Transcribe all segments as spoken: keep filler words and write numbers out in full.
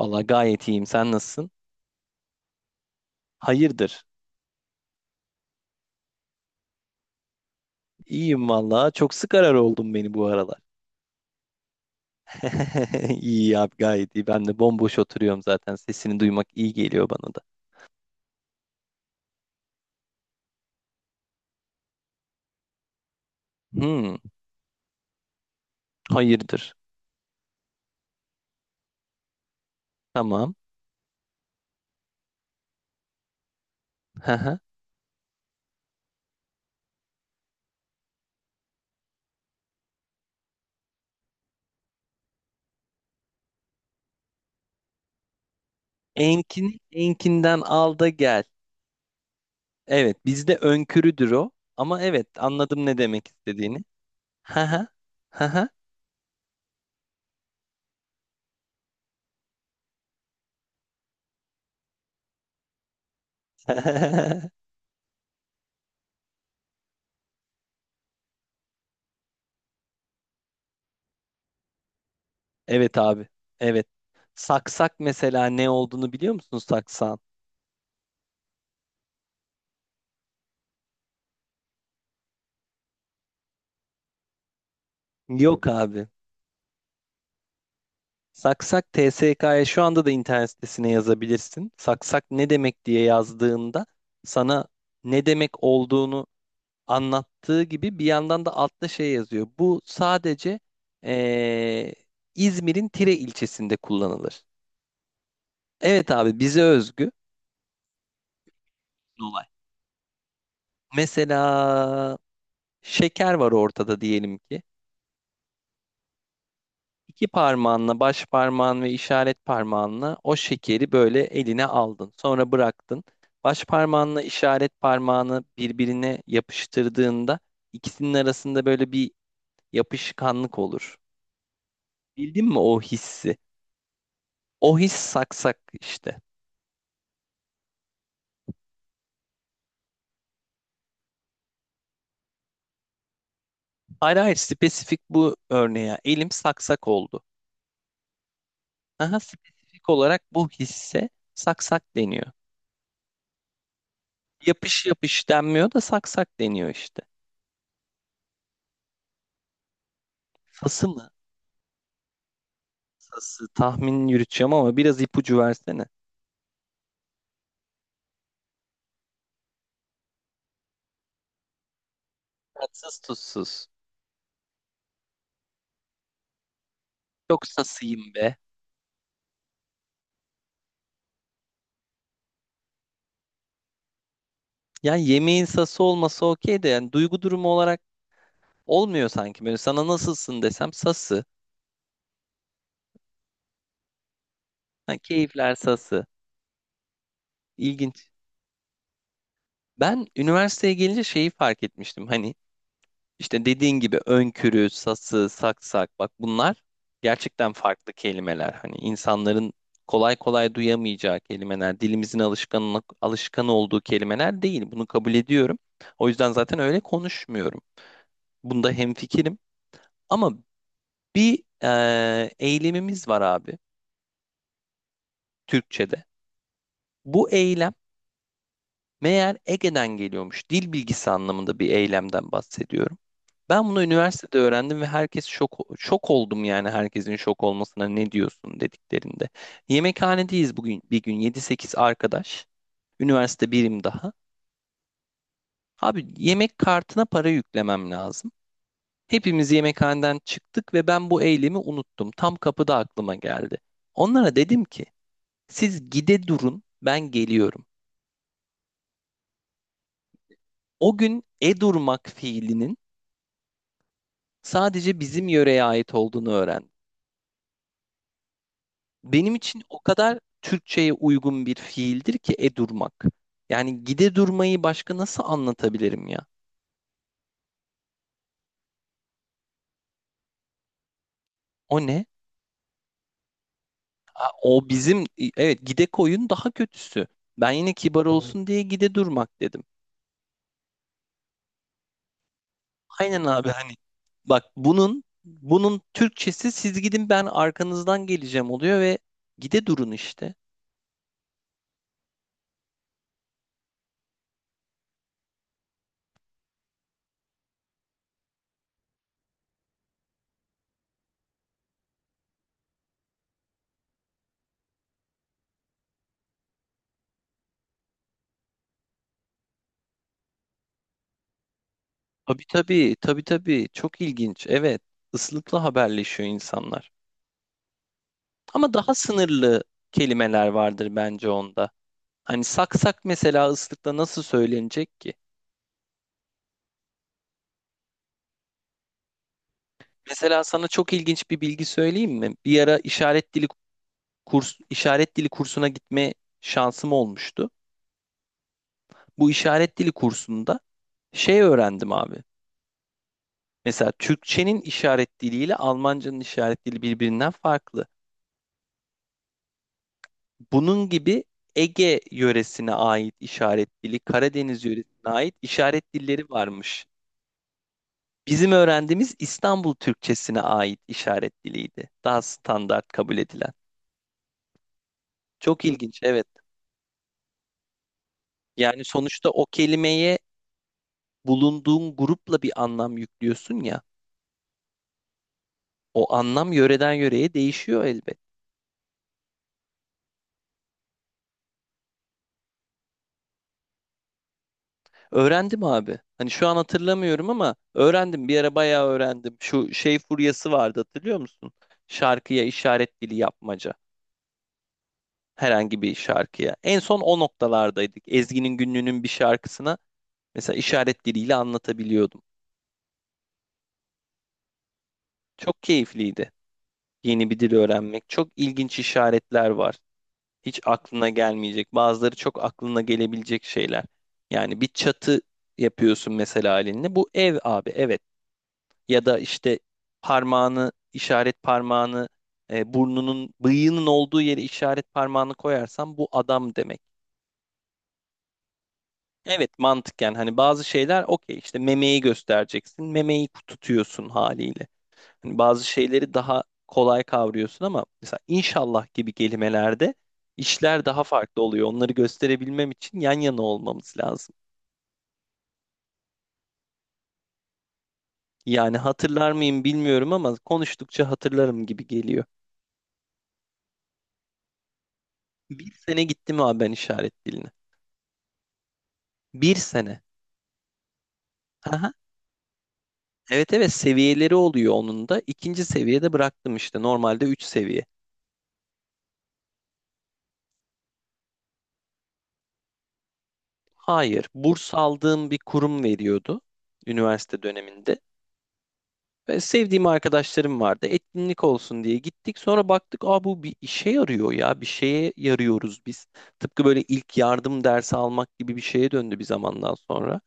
Valla gayet iyiyim. Sen nasılsın? Hayırdır? İyiyim valla. Çok sık arar oldun beni bu aralar. İyi abi gayet iyi. Ben de bomboş oturuyorum zaten. Sesini duymak iyi geliyor bana da. Hmm, hayırdır? Tamam. Haha. Enkin, enkinden al da gel. Evet, bizde önkürüdür o. Ama evet, anladım ne demek istediğini. Haha. Haha. Evet abi. Evet. Saksak mesela ne olduğunu biliyor musun saksan? Yok abi. Saksak T S K'ya şu anda da internet sitesine yazabilirsin. Saksak ne demek diye yazdığında sana ne demek olduğunu anlattığı gibi bir yandan da altta şey yazıyor. Bu sadece eee, İzmir'in Tire ilçesinde kullanılır. Evet abi bize özgü. Olay. Mesela şeker var ortada diyelim ki. İki parmağınla baş parmağın ve işaret parmağınla o şekeri böyle eline aldın. Sonra bıraktın. Baş parmağınla işaret parmağını birbirine yapıştırdığında ikisinin arasında böyle bir yapışkanlık olur. Bildin mi o hissi? O his saksak işte. Hayır hayır, spesifik bu örneğe. Elim saksak oldu. Aha, spesifik olarak bu hisse saksak deniyor. Yapış yapış denmiyor da saksak deniyor işte. Fası mı? Sası tahmin yürüteceğim ama biraz ipucu versene. Tatsız tuzsuz. Çok sasıyım be. Yani yemeğin sası olması okey de, yani duygu durumu olarak olmuyor sanki. Böyle sana nasılsın desem sası. Ha, keyifler sası. İlginç. Ben üniversiteye gelince şeyi fark etmiştim. Hani İşte dediğin gibi önkürü, sası, saksak, bak bunlar gerçekten farklı kelimeler. Hani insanların kolay kolay duyamayacağı kelimeler, dilimizin alışkanlık, alışkan olduğu kelimeler değil. Bunu kabul ediyorum. O yüzden zaten öyle konuşmuyorum. Bunda hemfikirim. Ama bir eee, eylemimiz var abi, Türkçe'de. Bu eylem meğer Ege'den geliyormuş. Dil bilgisi anlamında bir eylemden bahsediyorum. Ben bunu üniversitede öğrendim ve herkes şok, şok oldum yani herkesin şok olmasına ne diyorsun dediklerinde. Yemekhanedeyiz bugün bir gün, yedi sekiz arkadaş. Üniversite birim daha. Abi yemek kartına para yüklemem lazım. Hepimiz yemekhaneden çıktık ve ben bu eylemi unuttum. Tam kapıda aklıma geldi. Onlara dedim ki siz gide durun, ben geliyorum. O gün e durmak fiilinin sadece bizim yöreye ait olduğunu öğren. Benim için o kadar Türkçe'ye uygun bir fiildir ki e durmak. Yani gide durmayı başka nasıl anlatabilirim ya? O ne? Ha, o bizim, evet gide koyun daha kötüsü. Ben yine kibar evet olsun diye gide durmak dedim. Aynen abi, hani bak bunun bunun Türkçesi siz gidin ben arkanızdan geleceğim oluyor ve gide durun işte. Tabii tabii, tabii tabii. Çok ilginç. Evet, ıslıkla haberleşiyor insanlar. Ama daha sınırlı kelimeler vardır bence onda. Hani saksak mesela ıslıkla nasıl söylenecek ki? Mesela sana çok ilginç bir bilgi söyleyeyim mi? Bir ara işaret dili kurs, işaret dili kursuna gitme şansım olmuştu. Bu işaret dili kursunda şey öğrendim abi. Mesela Türkçenin işaret diliyle Almancanın işaret dili birbirinden farklı. Bunun gibi Ege yöresine ait işaret dili, Karadeniz yöresine ait işaret dilleri varmış. Bizim öğrendiğimiz İstanbul Türkçesine ait işaret diliydi. Daha standart kabul edilen. Çok ilginç, evet. Yani sonuçta o kelimeye bulunduğun grupla bir anlam yüklüyorsun ya. O anlam yöreden yöreye değişiyor elbet. Öğrendim abi. Hani şu an hatırlamıyorum ama öğrendim. Bir ara bayağı öğrendim. Şu şey furyası vardı, hatırlıyor musun? Şarkıya işaret dili yapmaca. Herhangi bir şarkıya. En son o noktalardaydık. Ezgi'nin Günlü'nün bir şarkısına mesela işaret diliyle anlatabiliyordum. Çok keyifliydi. Yeni bir dil öğrenmek. Çok ilginç işaretler var. Hiç aklına gelmeyecek. Bazıları çok aklına gelebilecek şeyler. Yani bir çatı yapıyorsun mesela elinle. Bu ev abi, evet. Ya da işte parmağını, işaret parmağını e, burnunun bıyığının olduğu yere işaret parmağını koyarsan bu adam demek. Evet mantıken, yani hani bazı şeyler okey, işte memeyi göstereceksin memeyi tutuyorsun haliyle. Hani bazı şeyleri daha kolay kavruyorsun ama mesela inşallah gibi kelimelerde işler daha farklı oluyor. Onları gösterebilmem için yan yana olmamız lazım. Yani hatırlar mıyım bilmiyorum ama konuştukça hatırlarım gibi geliyor. Bir sene gittim abi ben işaret diline. Bir sene. Aha. Evet evet, seviyeleri oluyor onun da. İkinci seviyede bıraktım, işte normalde üç seviye. Hayır, burs aldığım bir kurum veriyordu üniversite döneminde. Ve sevdiğim arkadaşlarım vardı. Etkinlik olsun diye gittik. Sonra baktık, aa bu bir işe yarıyor ya. Bir şeye yarıyoruz biz. Tıpkı böyle ilk yardım dersi almak gibi bir şeye döndü bir zamandan sonra.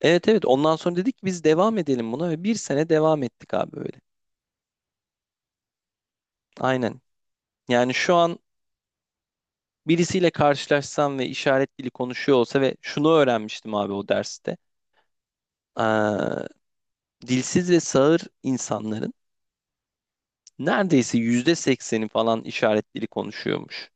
Evet evet, ondan sonra dedik ki biz devam edelim buna ve bir sene devam ettik abi böyle. Aynen. Yani şu an birisiyle karşılaşsam ve işaret dili konuşuyor olsa, ve şunu öğrenmiştim abi o derste. Aa, dilsiz ve sağır insanların neredeyse yüzde sekseni falan işaret dili konuşuyormuş.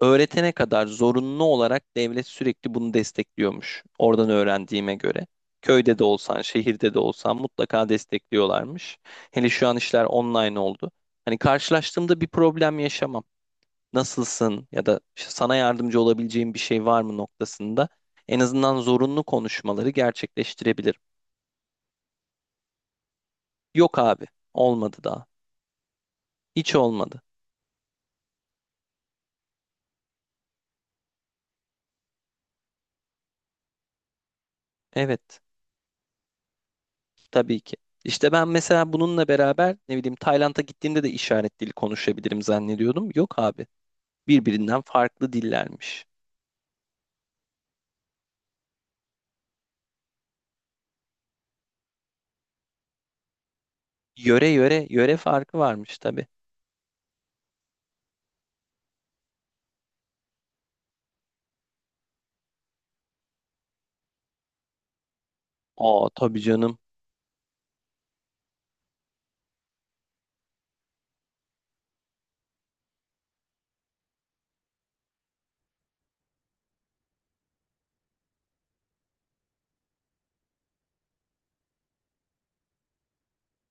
Öğretene kadar zorunlu olarak devlet sürekli bunu destekliyormuş. Oradan öğrendiğime göre. Köyde de olsan, şehirde de olsan mutlaka destekliyorlarmış. Hele şu an işler online oldu. Hani karşılaştığımda bir problem yaşamam. Nasılsın ya da işte sana yardımcı olabileceğim bir şey var mı noktasında en azından zorunlu konuşmaları gerçekleştirebilirim. Yok abi, olmadı daha. Hiç olmadı. Evet, tabii ki. İşte ben mesela bununla beraber ne bileyim Tayland'a gittiğimde de işaret dili konuşabilirim zannediyordum. Yok abi. Birbirinden farklı dillermiş. Yöre yöre yöre farkı varmış tabii. Aa tabii canım.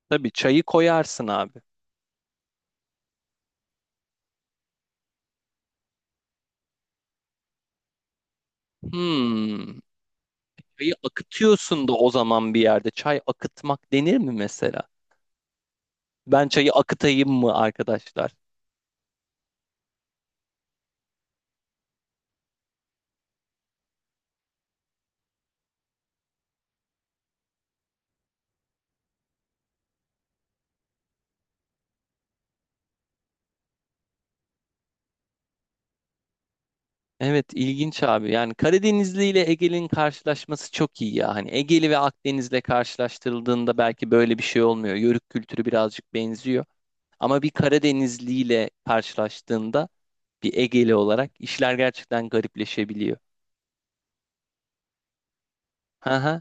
Tabii çayı koyarsın abi. Hmm. Çayı akıtıyorsun da o zaman bir yerde. Çay akıtmak denir mi mesela? Ben çayı akıtayım mı arkadaşlar? Evet ilginç abi. Yani Karadenizli ile Ege'nin karşılaşması çok iyi ya. Hani Ege'li ve Akdeniz'le karşılaştırıldığında belki böyle bir şey olmuyor. Yörük kültürü birazcık benziyor. Ama bir Karadenizliyle karşılaştığında bir Egeli olarak işler gerçekten garipleşebiliyor. Ha ha,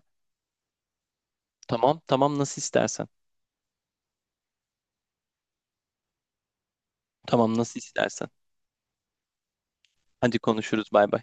tamam tamam, nasıl istersen. Tamam nasıl istersen. Hadi konuşuruz, bay bay.